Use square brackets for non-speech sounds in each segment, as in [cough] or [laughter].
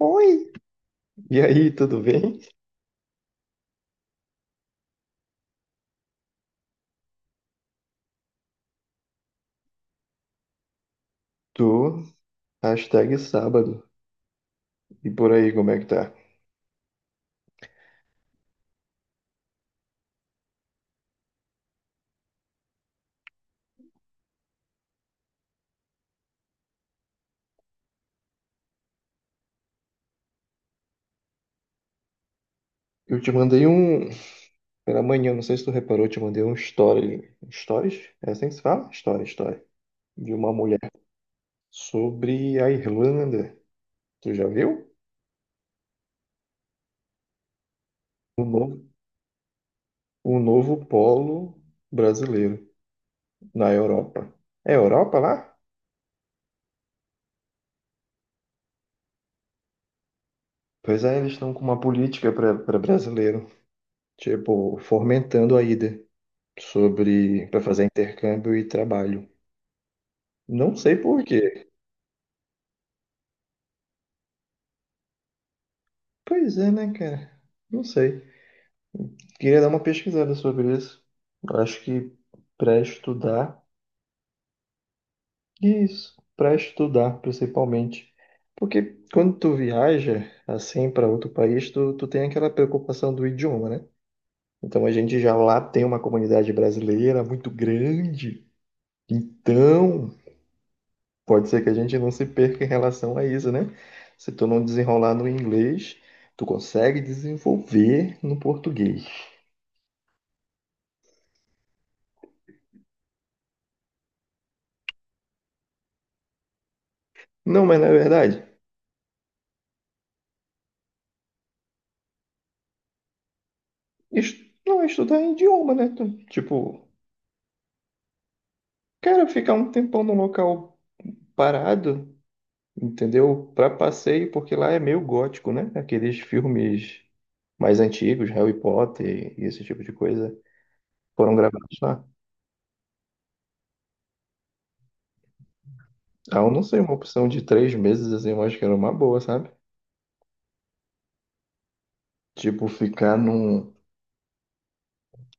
Oi! E aí, tudo bem? Tô, hashtag sábado. E por aí, como é que tá? Eu te mandei um. Pela manhã, não sei se tu reparou, eu te mandei um story. Stories? É assim que se fala? Story, story. De uma mulher sobre a Irlanda. Tu já viu? O novo, o novo polo brasileiro na Europa. É Europa lá? Pois é, eles estão com uma política para brasileiro, tipo, fomentando a ida sobre para fazer intercâmbio e trabalho. Não sei por quê. Pois é, né, cara? Não sei. Queria dar uma pesquisada sobre isso. Eu acho que para estudar, isso, para estudar principalmente. Porque quando tu viaja assim para outro país, tu tem aquela preocupação do idioma, né? Então a gente já lá tem uma comunidade brasileira muito grande. Então, pode ser que a gente não se perca em relação a isso, né? Se tu não desenrolar no inglês, tu consegue desenvolver no português. Não, mas na verdade, não é estudar é idioma, né? Tipo, cara, ficar um tempão num local parado, entendeu? Pra passeio, porque lá é meio gótico, né? Aqueles filmes mais antigos, Harry Potter e esse tipo de coisa, foram gravados lá. Ah, eu não sei, uma opção de 3 meses, assim, eu acho que era uma boa, sabe? Tipo,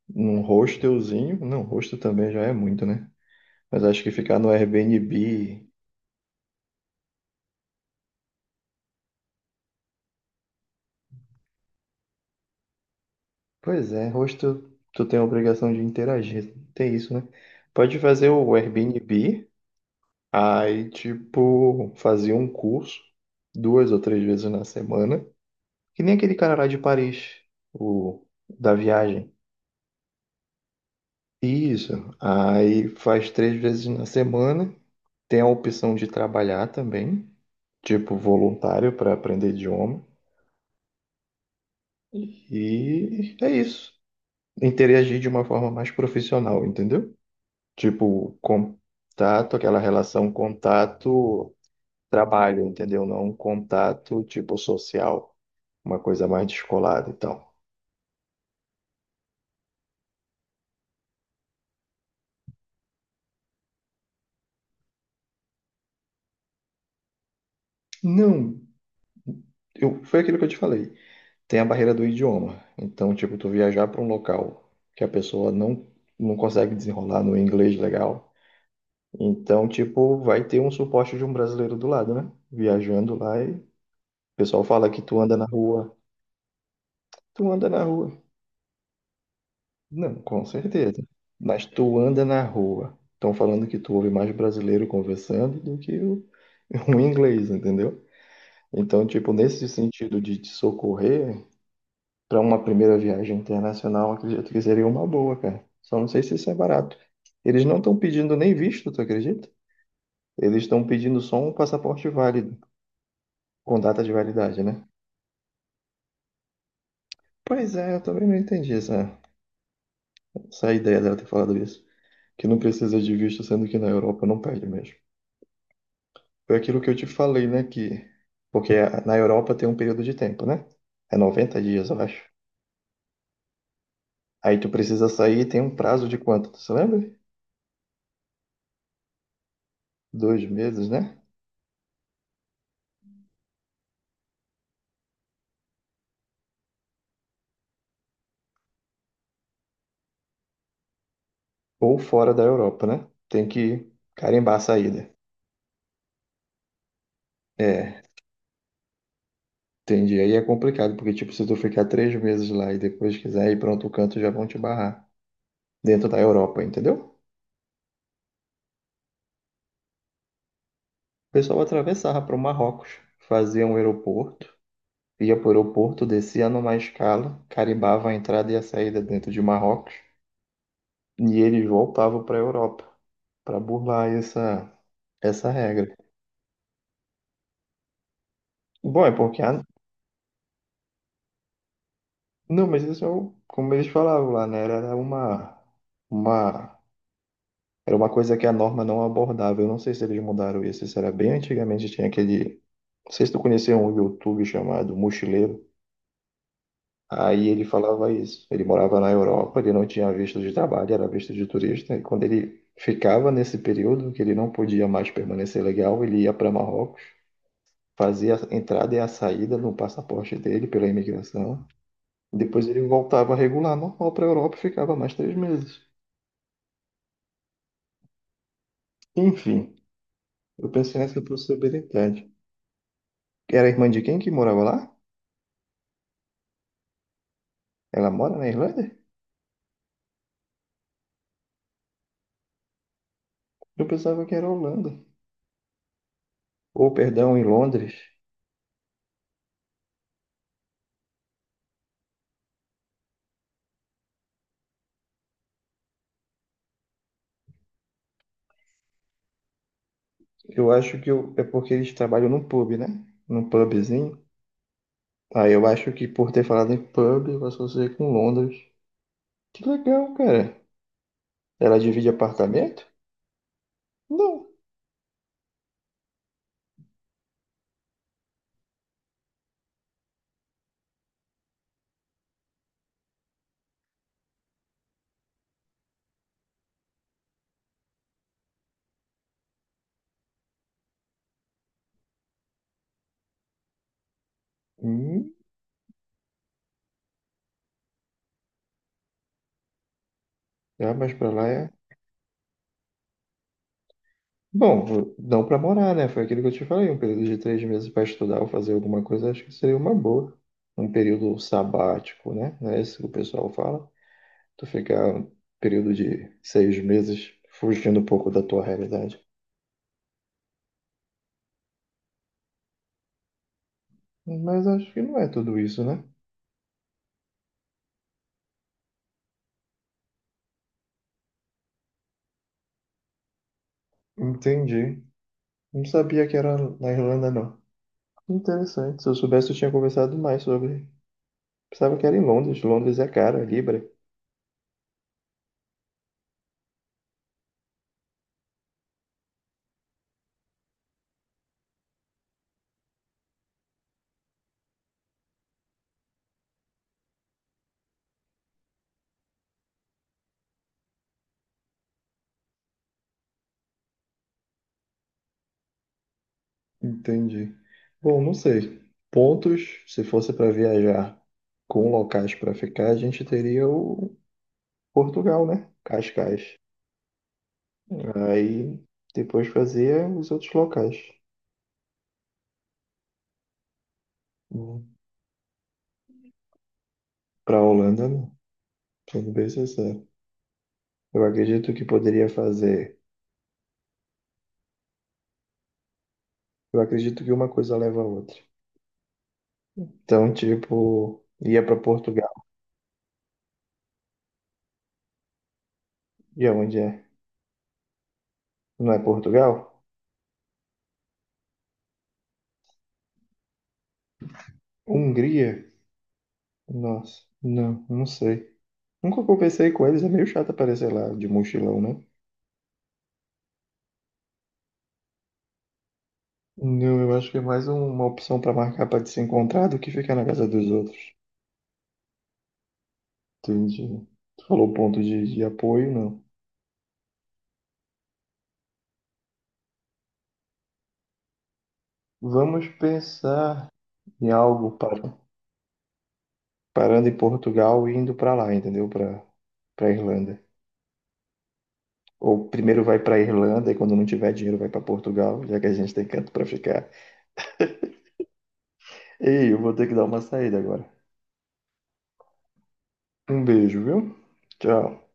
num hostelzinho. Não, hostel também já é muito, né? Mas acho que ficar no Airbnb. Pois é, rosto, tu tem a obrigação de interagir, tem isso, né? Pode fazer o Airbnb, aí, tipo, fazer um curso 2 ou 3 vezes na semana, que nem aquele cara lá de Paris, o da viagem. Isso, aí faz 3 vezes na semana, tem a opção de trabalhar também, tipo, voluntário para aprender idioma, e é isso. Interagir de uma forma mais profissional, entendeu? Tipo, contato, aquela relação contato-trabalho, entendeu? Não um contato tipo social, uma coisa mais descolada e tal. Não, eu, foi aquilo que eu te falei. Tem a barreira do idioma. Então, tipo, tu viajar para um local que a pessoa não, não consegue desenrolar no inglês legal. Então, tipo, vai ter um suporte de um brasileiro do lado, né? Viajando lá e o pessoal fala que tu anda na rua. Tu anda na rua. Não, com certeza. Mas tu anda na rua. Estão falando que tu ouve mais brasileiro conversando do que [laughs] o inglês, entendeu? Então, tipo, nesse sentido de te socorrer, para uma primeira viagem internacional, acredito que seria uma boa, cara. Só não sei se isso é barato. Eles não estão pedindo nem visto, tu acredita? Eles estão pedindo só um passaporte válido, com data de validade, né? Pois é, eu também não entendi essa ideia dela ter falado isso. Que não precisa de visto, sendo que na Europa não pede mesmo. Foi aquilo que eu te falei, né? Que, porque na Europa tem um período de tempo, né? É 90 dias, eu acho. Aí tu precisa sair e tem um prazo de quanto? Tu se lembra? 2 meses, né? Ou fora da Europa, né? Tem que carimbar a saída. É, entendi. Aí é complicado, porque, tipo, se tu ficar 3 meses lá e depois quiser ir para outro canto, já vão te barrar. Dentro da Europa, entendeu? O pessoal atravessava para o Marrocos, fazia um aeroporto, ia para o aeroporto, descia numa escala, carimbava a entrada e a saída dentro de Marrocos. E eles voltavam para a Europa para burlar essa regra. Bom, é porque a... Não, mas isso é o... Como eles falavam lá, né? Uma era uma coisa que a norma não abordava. Eu não sei se eles mudaram isso. Isso era bem antigamente, tinha aquele, não sei se tu conheceu um YouTube chamado Mochileiro. Aí ele falava isso. Ele morava na Europa, ele não tinha visto de trabalho, era visto de turista. E quando ele ficava nesse período que ele não podia mais permanecer legal, ele ia para Marrocos. Fazia a entrada e a saída no passaporte dele pela imigração. Depois ele voltava regular normal para a Europa e ficava mais 3 meses. Enfim, eu pensei nessa possibilidade. Era irmã de quem que morava lá? Ela mora na Irlanda? Eu pensava que era Holanda. Ou, perdão, em Londres. Eu acho que eu- É porque eles trabalham num pub, né? Num pubzinho. Aí eu acho que por ter falado em pub, eu associei com Londres. Que legal, cara. Ela divide apartamento? Não. Hum, ah, mas pra lá é... Bom, não para morar, né? Foi aquilo que eu te falei, um período de 3 meses para estudar ou fazer alguma coisa, acho que seria uma boa. Um período sabático, né? Não é isso que o pessoal fala. Tu ficar um período de 6 meses fugindo um pouco da tua realidade. Mas acho que não é tudo isso, né? Entendi. Não sabia que era na Irlanda, não. Interessante. Se eu soubesse, eu tinha conversado mais sobre. Pensava que era em Londres. Londres é cara, libra. Entendi. Bom, não sei. Pontos, se fosse para viajar com locais para ficar, a gente teria o Portugal, né? Cascais. Aí depois fazia os outros locais. Para Holanda, não. Sendo bem sincero. Eu acredito que poderia fazer. Eu acredito que uma coisa leva a outra. Então, tipo, ia para Portugal. E aonde é? Não é Portugal? Hungria? Nossa, não, não sei. Nunca conversei com eles, é meio chato aparecer lá de mochilão, né? Não, eu acho que é mais uma opção pra marcar pra te se encontrar do que ficar na casa dos outros. Entendi. Tu falou ponto de apoio, não. Vamos pensar em algo para, parando em Portugal e indo pra lá, entendeu? Pra Para Irlanda. Ou primeiro vai pra Irlanda e quando não tiver dinheiro vai pra Portugal, já que a gente tem canto pra ficar. Ei, eu vou ter que dar uma saída agora. Um beijo, viu? Tchau.